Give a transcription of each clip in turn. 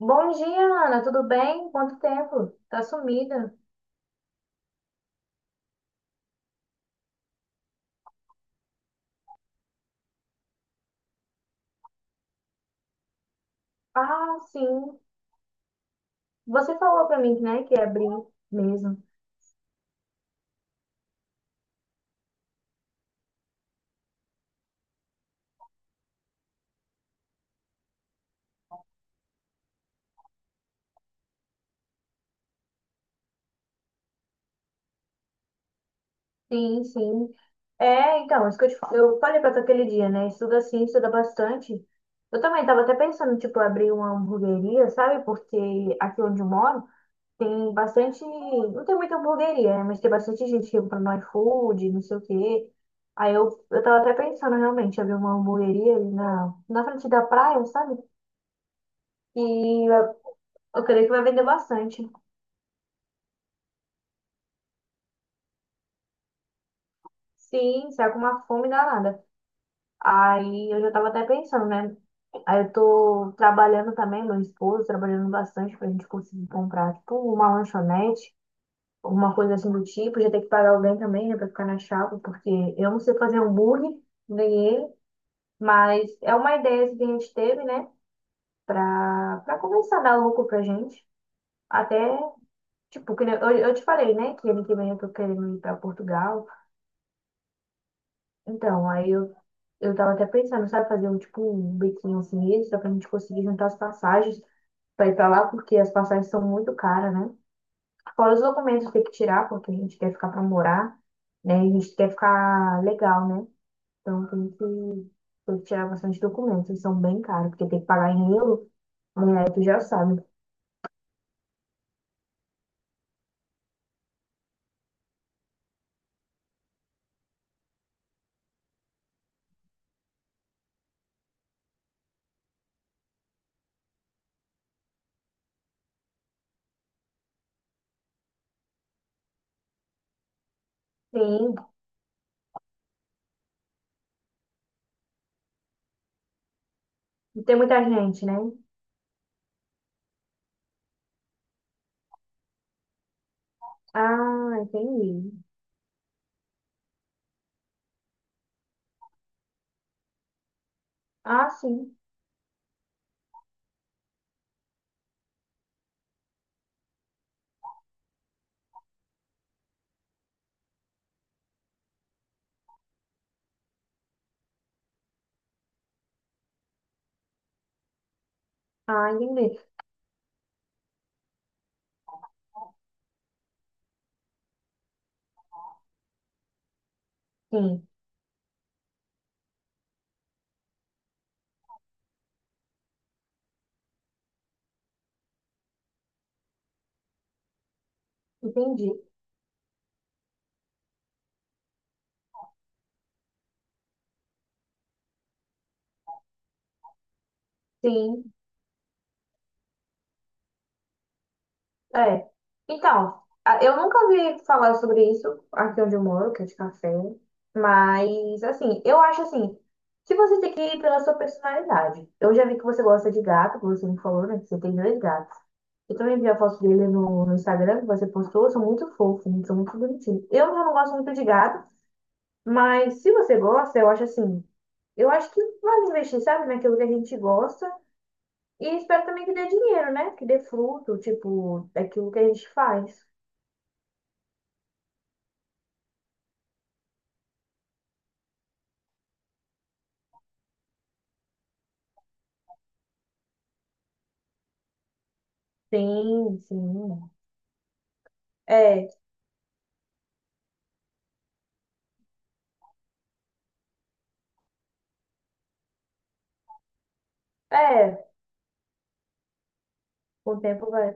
Bom dia, Ana. Tudo bem? Quanto tempo? Tá sumida? Ah, sim. Você falou pra mim, né, que ia abrir mesmo. Sim, sim. É, então, isso que eu falei pra tu aquele dia, né? Estuda sim, estuda bastante. Eu também tava até pensando, tipo, abrir uma hamburgueria, sabe? Porque aqui onde eu moro tem bastante. Não tem muita hamburgueria, né? Mas tem bastante gente que compra no iFood, não sei o quê. Aí eu tava até pensando realmente, abrir uma hamburgueria ali na frente da praia, sabe? E eu, eu creio que vai vender bastante. Sim, está com uma fome danada. Aí eu já estava até pensando, né? Aí eu tô trabalhando também, meu esposo trabalhando bastante pra gente conseguir comprar, tipo, uma lanchonete, alguma coisa assim do tipo. Já tem que pagar alguém também, né, pra ficar na chapa, porque eu não sei fazer hambúrguer, nem ele. Mas é uma ideia assim, que a gente teve, né, pra começar a dar lucro pra gente. Até, tipo, que nem- eu te falei, né, que ano que vem eu tô querendo ir pra Portugal. Então, aí eu tava até pensando, sabe, fazer um tipo um biquinho assim extra pra gente conseguir juntar as passagens pra ir pra lá, porque as passagens são muito caras, né? Fora os documentos que tem que tirar, porque a gente quer ficar pra morar, né? E a gente quer ficar legal, né? Então tem que tirar bastante documentos, eles são bem caros, porque tem que pagar em euro, né? Tu já sabe. Sim e tem muita gente, né? Ah, entendi. Ah, sim. Ah, entendi. Sim, entendi. Sim. É. Então, eu nunca ouvi falar sobre isso aqui onde eu moro, que é de café. Mas, assim, eu acho assim, que você tem que ir pela sua personalidade. Eu já vi que você gosta de gato, que você me falou, né? Que você tem dois gatos. Eu também vi a foto dele no Instagram que você postou, são muito fofos, são muito bonitinhos. Eu já não gosto muito de gato, mas se você gosta, eu acho assim, eu acho que vale investir, sabe, naquilo que a gente gosta. E espero também que dê dinheiro, né? Que dê fruto, tipo, daquilo que a gente faz. Sim, sim. É, é, com o tempo vai.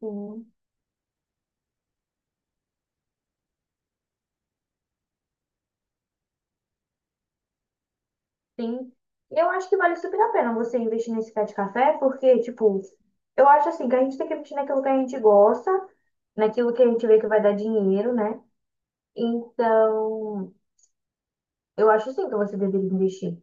Sim, sim. Eu acho que vale super a pena você investir nesse pé de café, porque, tipo, eu acho assim, que a gente tem que investir naquilo que a gente gosta, naquilo que a gente vê que vai dar dinheiro, né? Então, eu acho sim que você deveria investir.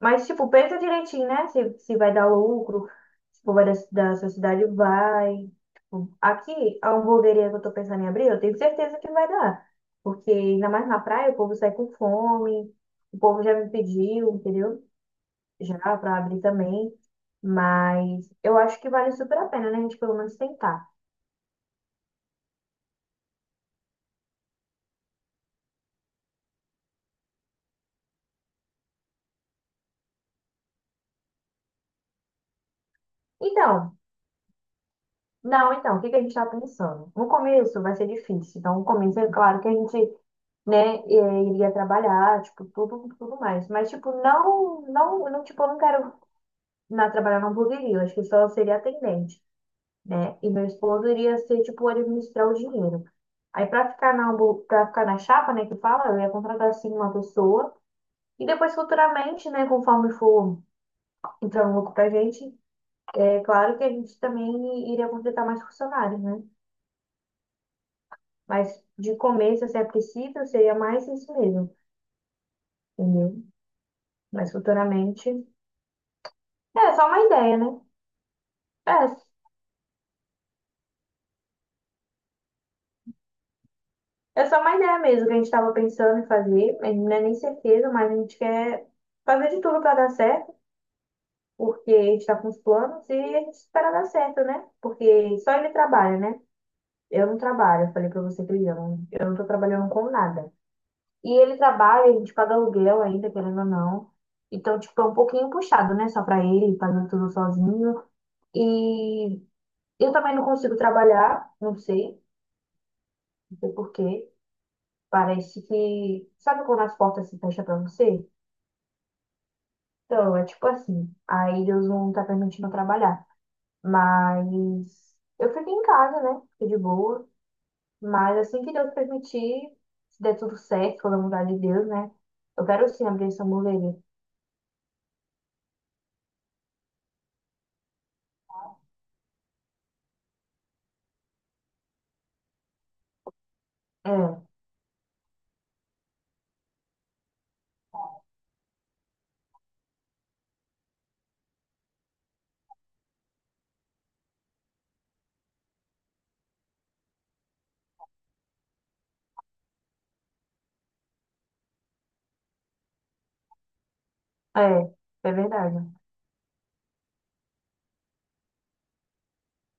Mas, tipo, pensa direitinho, né? Se vai dar lucro, se for vai da sociedade, vai. Tipo, aqui, a hamburgueria que eu tô pensando em abrir, eu tenho certeza que vai dar. Porque, ainda mais na praia, o povo sai com fome, o povo já me pediu, entendeu? Já pra abrir também. Mas eu acho que vale super a pena, né? A gente pelo menos tentar. Então, não, então, o que que a gente tá pensando? No começo vai ser difícil. Então, no começo, é claro que a gente né, iria trabalhar, tipo, tudo mais. Mas, tipo, não, não, não, tipo, eu não quero na trabalhar não poderia, eu acho que só seria atendente, né? E meu esposo iria ser, tipo, administrar o dinheiro. Aí, pra ficar na chapa, né, que fala, eu ia contratar, assim, uma pessoa. E depois, futuramente, né, conforme for entrando lucro pra gente, é claro que a gente também iria contratar mais funcionários, né? Mas, de começo, se é preciso, seria mais isso mesmo, entendeu? Mas, futuramente... É, só uma ideia, né? É, é só uma ideia mesmo que a gente estava pensando em fazer. A gente Não é nem certeza, mas a gente quer fazer de tudo para dar certo, porque a gente está com os planos e a gente espera dar certo, né? Porque só ele trabalha, né? Eu não trabalho, eu falei para você que ele não, eu não tô trabalhando com nada. E ele trabalha, a gente paga aluguel ainda, querendo ou não. Então, tipo, é um pouquinho puxado, né? Só para ele, fazendo tudo sozinho. E eu também não consigo trabalhar, não sei, não sei por quê. Parece que. Sabe quando as portas se fecham pra você? Então, é tipo assim. Aí Deus não tá permitindo eu trabalhar. Mas eu fiquei em casa, né? Fiquei de boa. Mas assim que Deus permitir, se der tudo certo, for da vontade de Deus, né? Eu quero sim abrir essa hamburgueria. É, é, é verdade.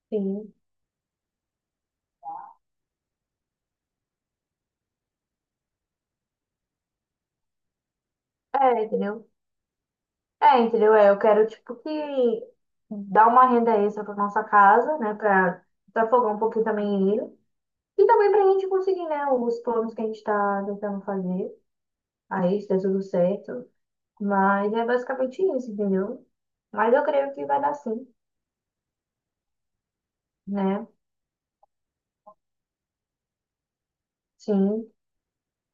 Sim. É, entendeu? É, entendeu? É, eu quero, tipo, que dar uma renda extra pra nossa casa, né? Pra, pra folgar um pouquinho também ele. E também para a gente conseguir, né, os planos que a gente tá tentando fazer. Aí, se der tudo certo. Mas é basicamente isso, entendeu? Mas eu creio que vai dar sim, né? Sim.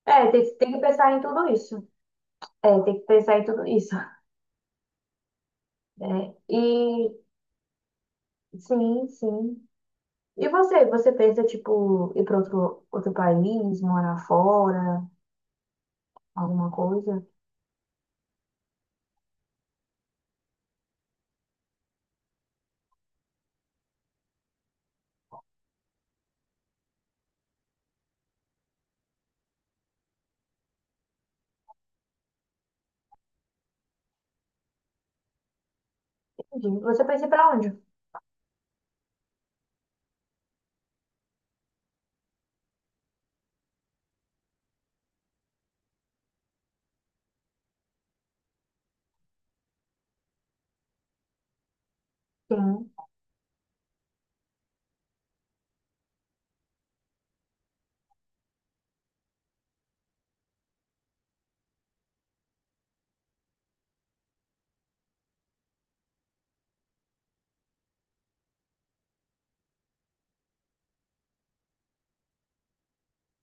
É, tem que pensar em tudo isso. É, tem que pensar em tudo isso, né? E sim, sim. E você pensa, tipo, ir para outro país, morar fora, alguma coisa? Entendi. Você pensa para onde? Sim.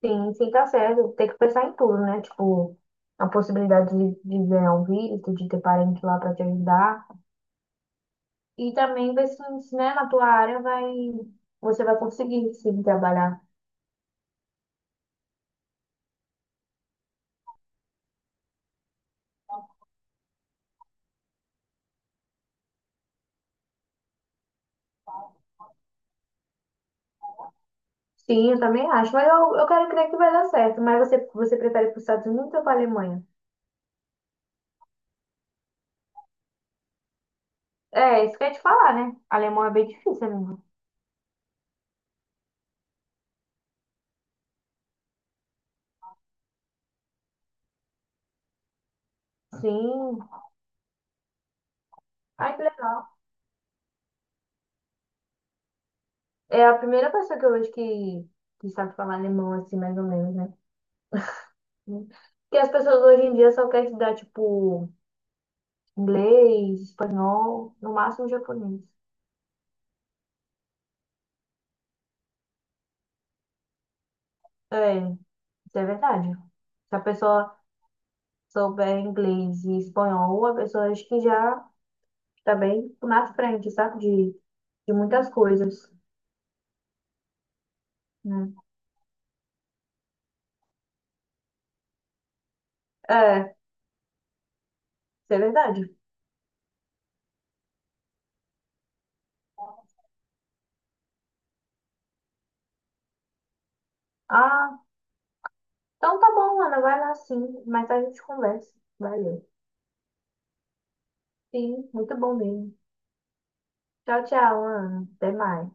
Sim, sim, tá certo. Tem que pensar em tudo, né? Tipo, a possibilidade de ganhar um visto, de ter parente lá para te ajudar. E também ver se, se, né, na tua área vai, você vai conseguir sim trabalhar. Sim, eu também acho, mas eu quero crer que vai dar certo. Mas você prefere ir para os Estados Unidos ou para a Alemanha? É, isso que eu ia te falar, né? Alemão é bem difícil, amigo. Sim. Ai, que legal. É a primeira pessoa que eu vejo que sabe falar alemão, assim, mais ou menos, né? Porque as pessoas hoje em dia só querem te dar, tipo, inglês, espanhol, no máximo japonês. É, isso é verdade. Se a pessoa souber inglês e espanhol, a pessoa acho que já está bem na frente, sabe? De muitas coisas, né? É, isso é verdade. Ah, então tá bom, Ana, vai lá sim. Mas a gente conversa. Valeu. Sim, muito bom mesmo. Tchau, tchau, Ana. Até mais.